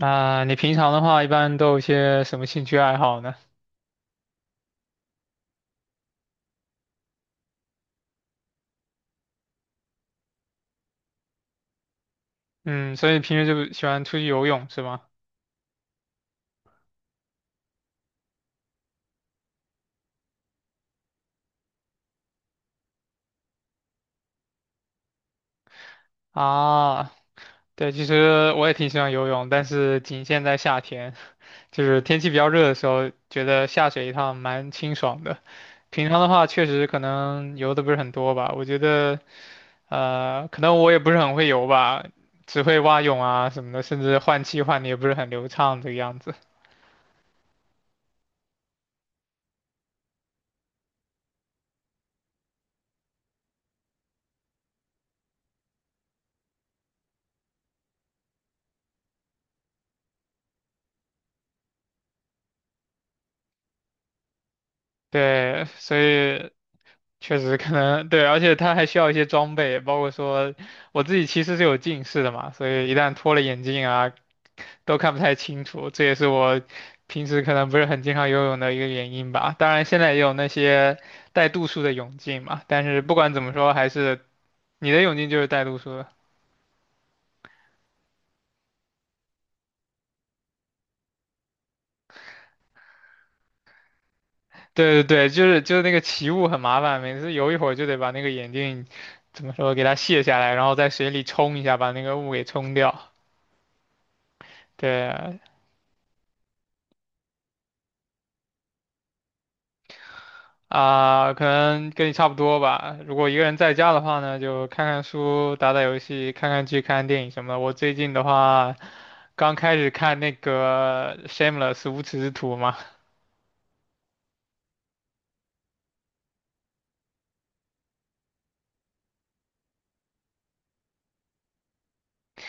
啊，你平常的话，一般都有些什么兴趣爱好呢？嗯，所以平时就喜欢出去游泳是吗？啊，对，其实我也挺喜欢游泳，但是仅限在夏天，就是天气比较热的时候，觉得下水一趟蛮清爽的。平常的话，确实可能游的不是很多吧。我觉得，可能我也不是很会游吧，只会蛙泳啊什么的，甚至换气换的也不是很流畅这个样子。对，所以确实可能对，而且它还需要一些装备，包括说我自己其实是有近视的嘛，所以一旦脱了眼镜啊，都看不太清楚，这也是我平时可能不是很经常游泳的一个原因吧。当然，现在也有那些带度数的泳镜嘛，但是不管怎么说，还是你的泳镜就是带度数的。对对对，就是那个起雾很麻烦，每次游一会儿就得把那个眼镜怎么说给它卸下来，然后在水里冲一下，把那个雾给冲掉。对啊，可能跟你差不多吧。如果一个人在家的话呢，就看看书、打打游戏、看看剧、看看电影什么的。我最近的话，刚开始看那个《Shameless》无耻之徒嘛，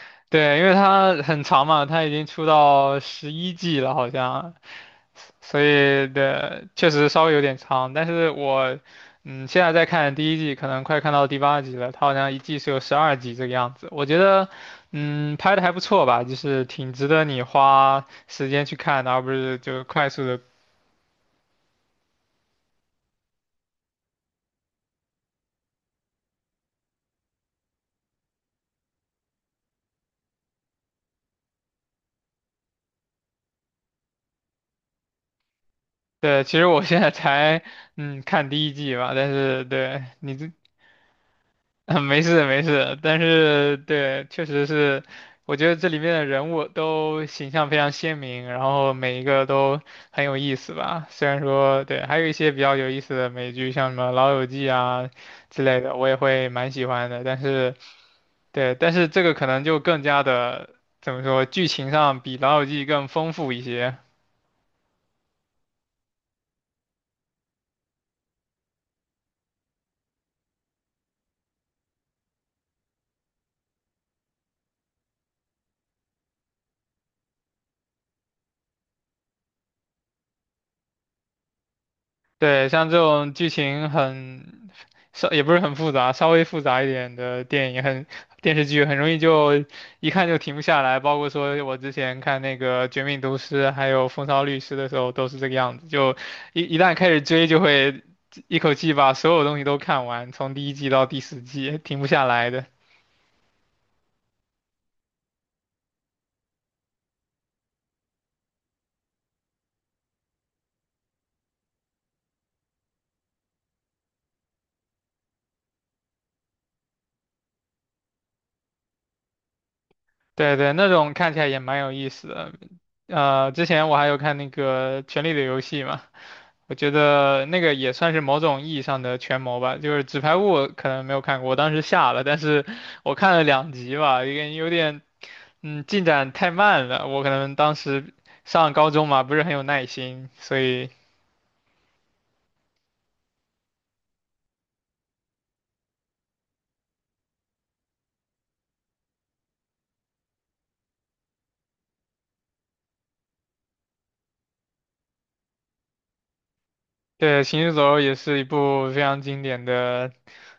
对，因为它很长嘛，它已经出到11季了，好像。所以的确实稍微有点长，但是我现在在看第一季，可能快看到第8集了，它好像一季是有12集这个样子，我觉得拍的还不错吧，就是挺值得你花时间去看的，而不是就快速的。对，其实我现在才看第一季吧，但是对你这 啊，没事没事，但是对，确实是，我觉得这里面的人物都形象非常鲜明，然后每一个都很有意思吧。虽然说对，还有一些比较有意思的美剧，像什么《老友记》啊之类的，我也会蛮喜欢的。但是对，但是这个可能就更加的怎么说，剧情上比《老友记》更丰富一些。对，像这种剧情很稍也不是很复杂，稍微复杂一点的电影很电视剧很容易就一看就停不下来。包括说我之前看那个《绝命毒师》还有《风骚律师》的时候都是这个样子，就一旦开始追就会一口气把所有东西都看完，从第一季到第10季停不下来的。对对，那种看起来也蛮有意思的。之前我还有看那个《权力的游戏》嘛，我觉得那个也算是某种意义上的权谋吧。就是《纸牌屋》我可能没有看过，我当时下了，但是我看了2集吧，有点，嗯，进展太慢了。我可能当时上高中嘛，不是很有耐心，所以对《行尸走肉》也是一部非常经典的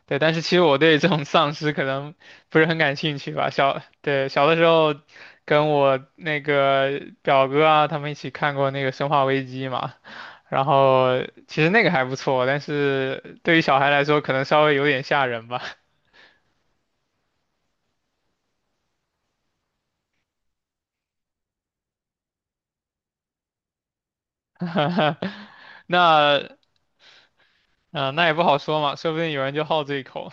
对，但是其实我对这种丧尸可能不是很感兴趣吧。小，对，小的时候跟我那个表哥啊，他们一起看过那个《生化危机》嘛，然后其实那个还不错，但是对于小孩来说，可能稍微有点吓人吧。那，嗯、那也不好说嘛，说不定有人就好这一口。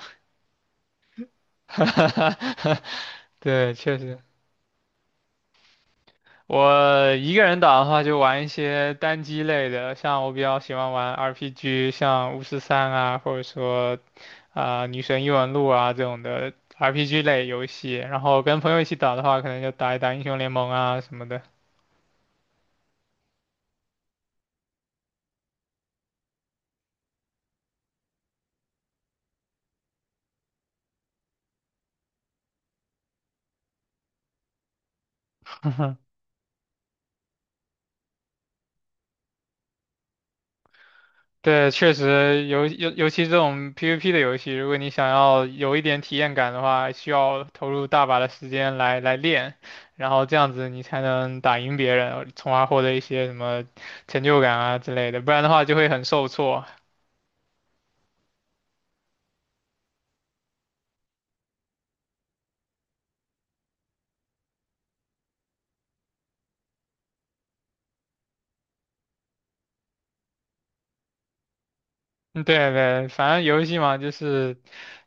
对，确实。我一个人打的话，就玩一些单机类的，像我比较喜欢玩 RPG,像巫师三啊，或者说啊、女神异闻录啊这种的 RPG 类游戏。然后跟朋友一起打的话，可能就打一打英雄联盟啊什么的。对，确实，尤其这种 PVP 的游戏，如果你想要有一点体验感的话，需要投入大把的时间来练，然后这样子你才能打赢别人，从而获得一些什么成就感啊之类的，不然的话就会很受挫。嗯对对，反正游戏嘛，就是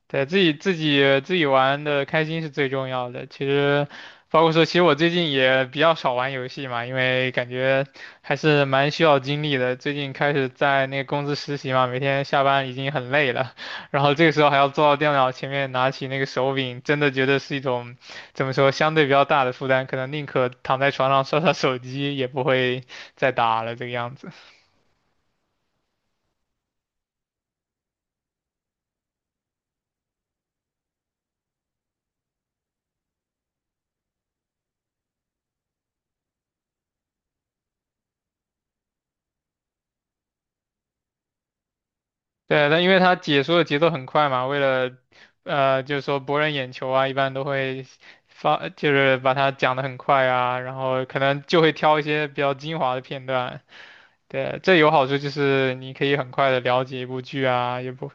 对，自己玩的开心是最重要的。其实，包括说，其实我最近也比较少玩游戏嘛，因为感觉还是蛮需要精力的。最近开始在那个公司实习嘛，每天下班已经很累了，然后这个时候还要坐到电脑前面拿起那个手柄，真的觉得是一种怎么说相对比较大的负担，可能宁可躺在床上刷刷手机，也不会再打了这个样子。对，那因为他解说的节奏很快嘛，为了就是说博人眼球啊，一般都会发，就是把它讲得很快啊，然后可能就会挑一些比较精华的片段。对，这有好处就是你可以很快的了解一部剧啊，也不，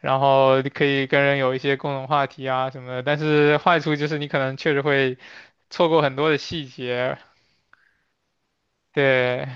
然后可以跟人有一些共同话题啊什么的。但是坏处就是你可能确实会错过很多的细节。对，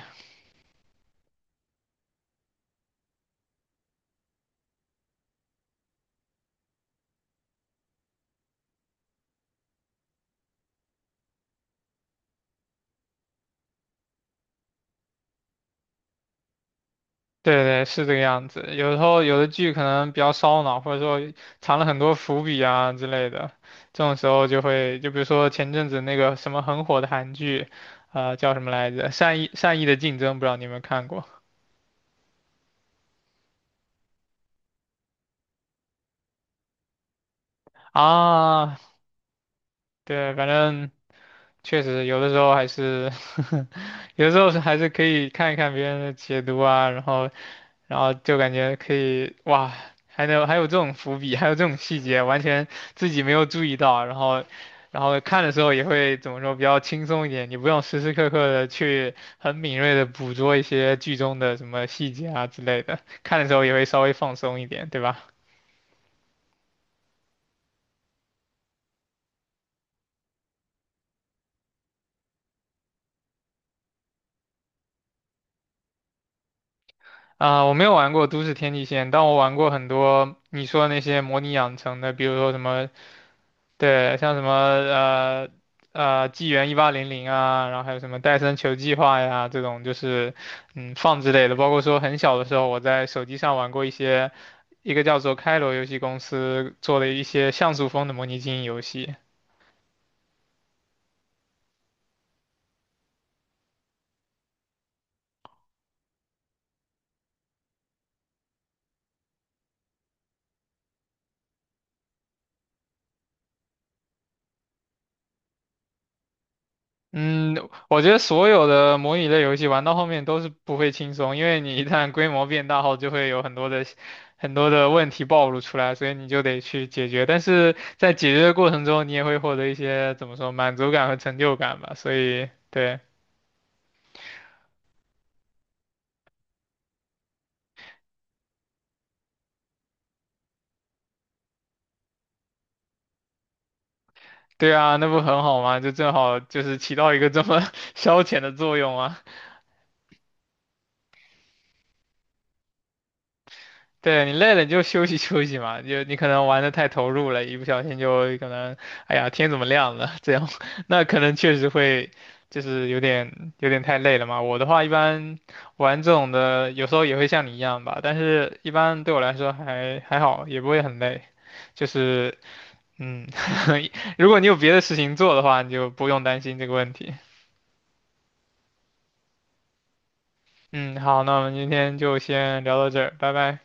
对对，是这个样子。有时候有的剧可能比较烧脑，或者说藏了很多伏笔啊之类的，这种时候就会，就比如说前阵子那个什么很火的韩剧，叫什么来着？《善意的竞争》，不知道你有没有看过啊？对，反正确实有的时候还是，有的时候是还是可以看一看别人的解读啊，然后，然后就感觉可以，哇，还有这种伏笔，还有这种细节，完全自己没有注意到，然后，然后看的时候也会怎么说，比较轻松一点，你不用时时刻刻的去很敏锐的捕捉一些剧中的什么细节啊之类的，看的时候也会稍微放松一点，对吧？啊，我没有玩过都市天际线，但我玩过很多你说的那些模拟养成的，比如说什么，对，像什么呃纪元1800啊，然后还有什么戴森球计划呀这种，就是嗯放之类的。包括说很小的时候，我在手机上玩过一些一个叫做开罗游戏公司做的一些像素风的模拟经营游戏。嗯，我觉得所有的模拟类游戏玩到后面都是不会轻松，因为你一旦规模变大后，就会有很多的问题暴露出来，所以你就得去解决。但是在解决的过程中，你也会获得一些怎么说满足感和成就感吧。所以，对对啊，那不很好吗？就正好就是起到一个这么 消遣的作用啊。对你累了，你就休息 休息嘛，就你可能玩的太投入了，一不小心就可能，哎呀，天怎么亮了？这样，那可能确实会，就是有点太累了嘛。我的话，一般玩这种的，有时候也会像你一样吧，但是一般对我来说还还好，也不会很累。就是，嗯，如果你有别的事情做的话，你就不用担心这个问题。嗯，好，那我们今天就先聊到这儿，拜拜。